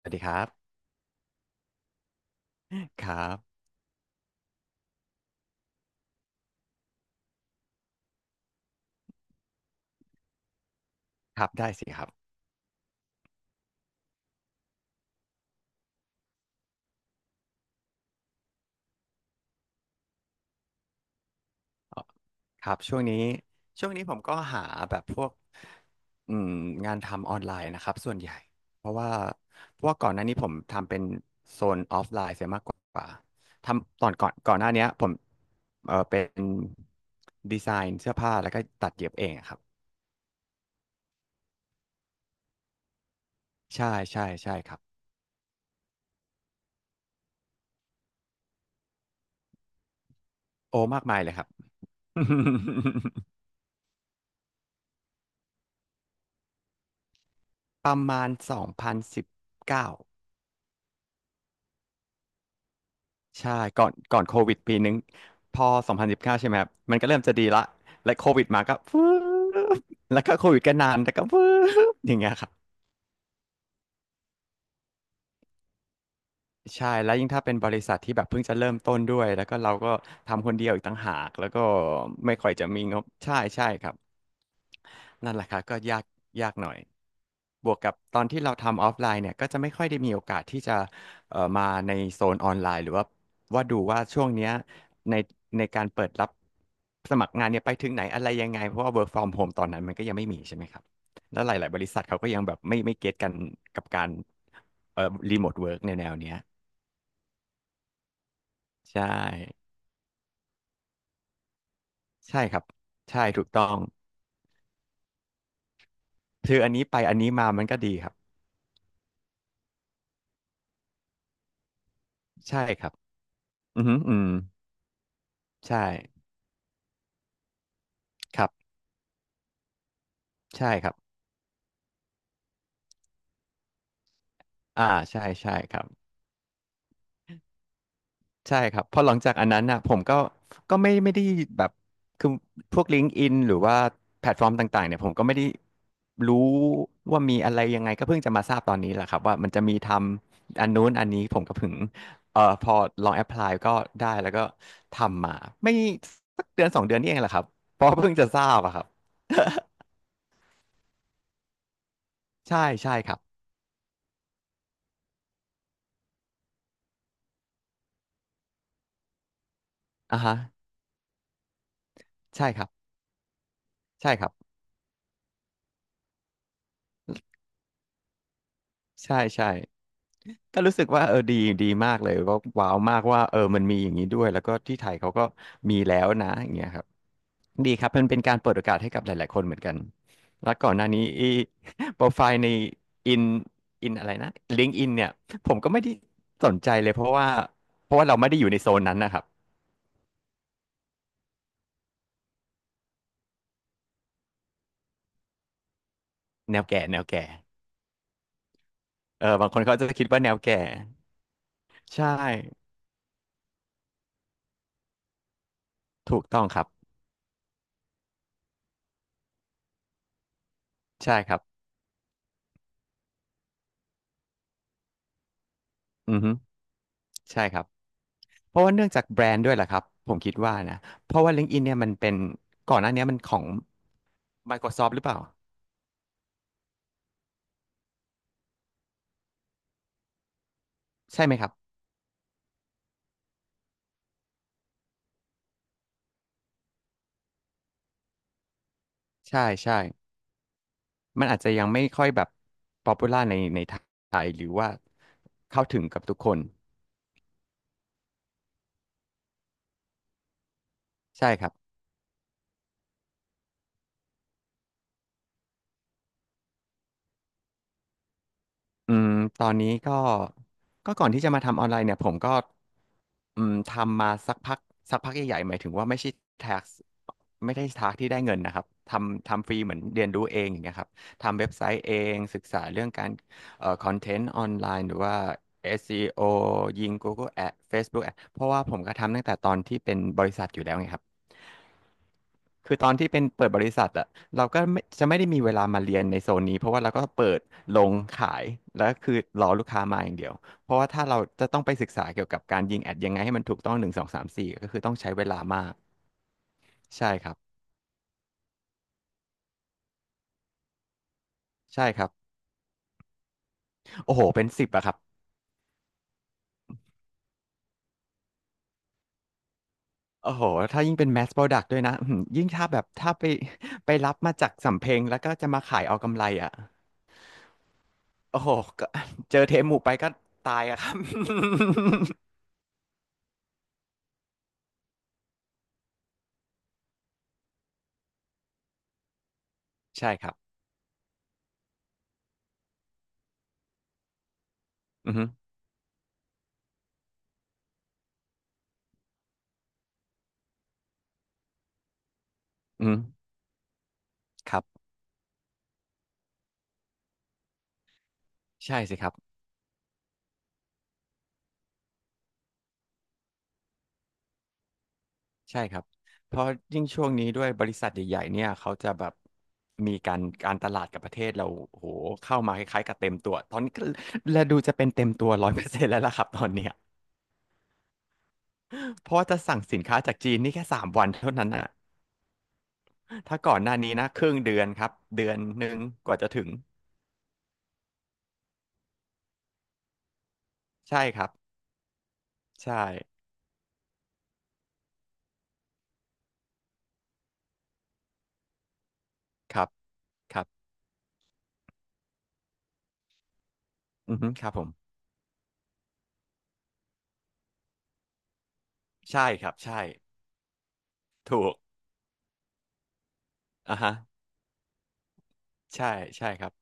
สวัสดีครับครับครับได้สิครับครับช่วงนี้ผมก็หาแบบพวกอืมงานทำออนไลน์นะครับส่วนใหญ่เพราะว่าเพราะว่าก่อนหน้านี้ผมทำเป็นเสียมากกว่าทำตอนก่อนหน้าเนี้ยผมเป็นดีไซน์เสื้อผ้าแล้วก็ตัดเย็บเองอะครับใช่ใช่ใช่ครับโอ้มากมายเลยครับ ประมาณ2019 ใช่ก่อนโควิดปีนึงพอ2019ใช่ไหมครับมันก็เริ่มจะดีละและโควิดมาก็ฟื้บแล้วก็โควิดก็นานแต่ก็ฟื้บอย่างเงี้ยครับ ใช่แล้วยิ่งถ้าเป็นบริษัทที่แบบเพิ่งจะเริ่มต้นด้วยแล้วก็เราก็ทำคนเดียวอีกต่างหากแล้วก็ไม่ค่อยจะมีงบใช่ใช่ครับนั่นแหละครับก็ยากยากหน่อยบวกกับตอนที่เราทำออฟไลน์เนี่ยก็จะไม่ค่อยได้มีโอกาสที่จะมาในโซนออนไลน์หรือว่าดูว่าช่วงเนี้ยในในการเปิดรับสมัครงานเนี่ยไปถึงไหนอะไรยังไงเพราะว่า work from home ตอนนั้นมันก็ยังไม่มีใช่ไหมครับแล้วหลายๆบริษัทเขาก็ยังแบบไม่เก็ตกันกับการรีโมทเวิร์กในแนวเนี้ย ใช่ใช่ครับใช่ถูกต้องคืออันนี้ไปอันนี้มามันก็ดีครับใช่ครับอือหืออืมใช่ครับใช่ครับอ่าใช่ใช่ครับ ใช่ครับพอหลังจากอันนั้นน่ะผมก็ก็ไม่ได้แบบคือพวกลิ n ก์อินหรือว่าแพลตฟอร์มต่างๆเนี่ยผมก็ไม่ได้รู้ว่ามีอะไรยังไงก็เพิ่งจะมาทราบตอนนี้แหละครับว่ามันจะมีทำอันนู้นอันนี้ผมก็เพิ่งพอลองแอพพลายก็ได้แล้วก็ทำมาไม่สักเดือนสองเดือนนี่เองแหละครับเพราะเพิ่งจะทราบอะครับใช่ใช่ครับอ่าฮะใช่ครับใช่ครับใช่ใช่ ก็รู้สึกว่าเออดีดีมากเลยก็ว้าวมากว่าเออมันมีอย่างนี้ด้วยแล้วก็ที่ไทยเขาก็มีแล้วนะอย่างเงี้ยครับดีครับมันเป็นการเปิดโอกาสให้กับหลายๆคนเหมือนกันแล้วก่อนหน้านี้อี โปรไฟล์ในอินอินอะไรนะลิงก์อินเนี่ยผมก็ไม่ได้สนใจเลยเพราะว่าเราไม่ได้อยู่ในโซนนั้นนะครับแนวแก่แนวแก่เออบางคนเขาจะคิดว่าแนวแก่ใช่ถูกต้องครับใช่ครับอือฮึใช่ครับ เพราะว่าเนื่องจากแบรนด์ด้วยแหละครับผมคิดว่านะเพราะว่า LinkedIn เนี่ยมันเป็นก่อนหน้าเนี้ยมันของ Microsoft หรือเปล่าใช่ไหมครับใช่ใช่มันอาจจะยังไม่ค่อยแบบ p o p u l a r ในไทยหรือว่าเข้าถึงกับทุกคนใช่ครับ อืมตอนนี้ก็ก็ก่อนที่จะมาทำออนไลน์เนี่ยผมก็ทำมาสักพักสักพักใหญ่ๆหมายถึงว่าไม่ใช่ tax ไม่ได้ tax ที่ได้เงินนะครับทำฟรีเหมือนเรียนรู้เองอย่างเงี้ยครับทำเว็บไซต์เองศึกษาเรื่องการคอนเทนต์ออนไลน์หรือว่า SEO ยิง Google Ad Facebook Ad เพราะว่าผมก็ทำตั้งแต่ตอนที่เป็นบริษัทอยู่แล้วไงครับ คือตอนที่เป็นเปิดบริษัทอะเราก็ไม่ได้มีเวลามาเรียนในโซนนี้เพราะว่าเราก็เปิดลงขายแล้วก็คือรอลูกค้ามาอย่างเดียวเพราะว่าถ้าเราจะต้องไปศึกษาเกี่ยวกับการยิงแอดยังไงให้มันถูกต้องหนึ่งสองสามสี่ก็คือต้องใช้เวลามากใช่ครับใช่ครับโอ้โหเป็นสิบอะครับโอ้โหถ้ายิ่งเป็น mass product ด้วยนะอื้อหือยิ่งถ้าแบบไปไปรับมาจากสำเพ็งแล้วก็จะมาขายเอากำไรอะโอ้โหก็เจอเทปหมู่ไปก็ตายอะครับ ใช่ครับอือฮึอือฮึ ครับใช่สิครับใช่ครับเพราะยิ่งช่วงนี้ด้วยบริษัทใหญ่ๆเนี่ยเขาจะแบบมีการตลาดกับประเทศเราโอ้โหเข้ามาคล้ายๆกับเต็มตัวตอนนี้ก็และดูจะเป็นเต็มตัว100%แล้วล่ะครับตอนเนี้ยเพราะว่าจะสั่งสินค้าจากจีนนี่แค่สามวันเท่านั้นอ่ะถ้าก่อนหน้านี้นะครึ่งเดือนครับ1 เดือนกว่าจะถึงใช่ครับใช่ครับครับอือฮึครับผมใช่ครับใช่ถูกอ่ะฮะใช่ใช่ครับ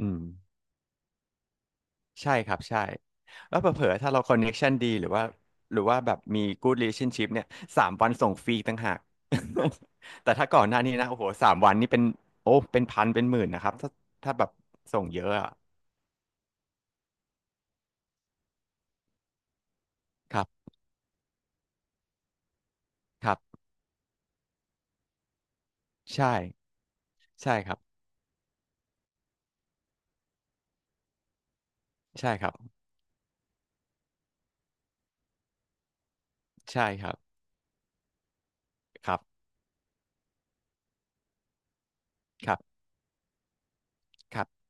อืม ใช่ครับใช่แล้วเผลอๆถ้าเราคอนเน็กชันดีหรือว่าแบบมี good relationship เนี่ย3 วันส่งฟรีต่างหาก แต่ถ้าก่อนหน้านี้นะโอ้โหสามวันนี่เป็นโอ้เป็นพันเป็นหมื่นนะครับถ้าแบบส่งเยอะอะครับครับใช่ใช่ครับใช่ครับใช่ครับครับครับครับ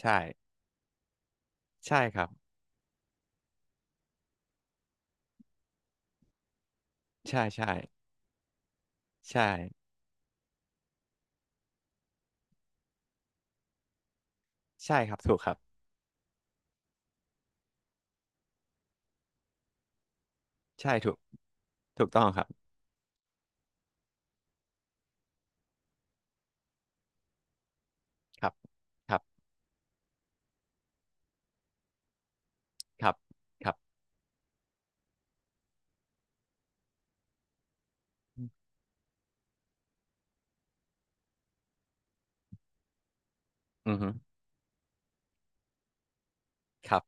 ใช่ใช่ครับใช่ใช่ใช่ใช่ครับถูกครับใช่ถูกถูกต้องครับครับครับครับครับอือฮึ ครับ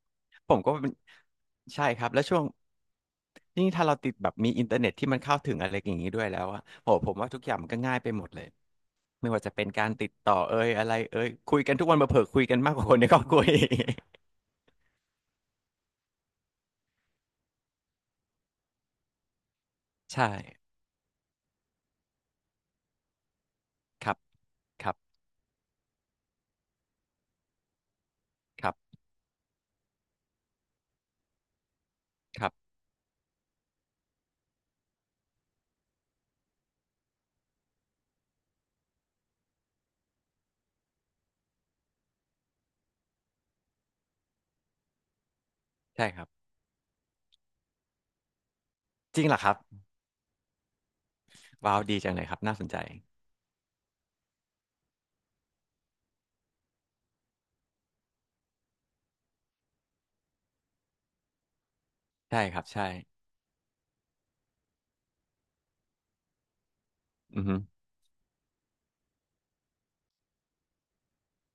ผมก็เป็นใช่ครับแล้วช่วงนี่ถ้าเราติดแบบมีอินเทอร์เน็ตที่มันเข้าถึงอะไรอย่างนี้ด้วยแล้วอะโหผมว่าทุกอย่างมันก็ง่ายไปหมดเลยไม่ว่าจะเป็นการติดต่อเอ่ยอะไรเอ่ยคุยกันทุกวันมาเผลอๆคุยกันมากกว่าคนในครอบครัว อีก ใช่ครับครับครับครับใช่ครับจริงเหรอครับว้าวดีจังเลยครับน่าสนใจใช่ครับใช่อือฮึ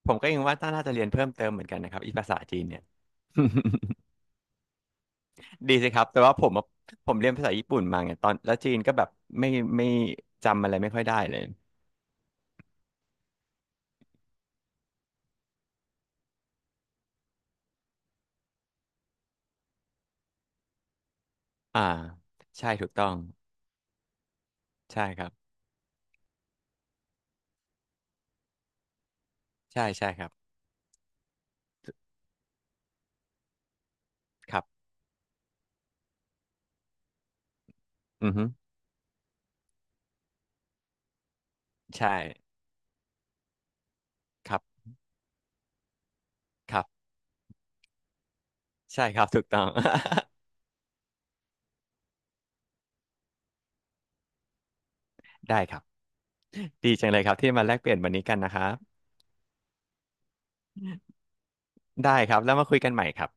ผมก็ยังว่าน่าจะเรียนเพิ่มเติมเหมือนกันนะครับอีภาษาจีนเนี่ย ดีสิครับแต่ว่าผมอะผมเรียนภาษาญี่ปุ่นมาไงตอนแล้วจีนก็แบบไม่ไม่จำอะไรไม่ค่อยได้เลยอ่าใช่ถูกต้องใช่ครับใช่ใช่ครับครับอือฮึใช่ครับครับใช่ครับถูกต้อง ได้ครับดีจังเลยครับที่มาแลกเปลี่ยนวันนี้กันนะครับได้ครับแล้วมาคุยกันใหม่ครับ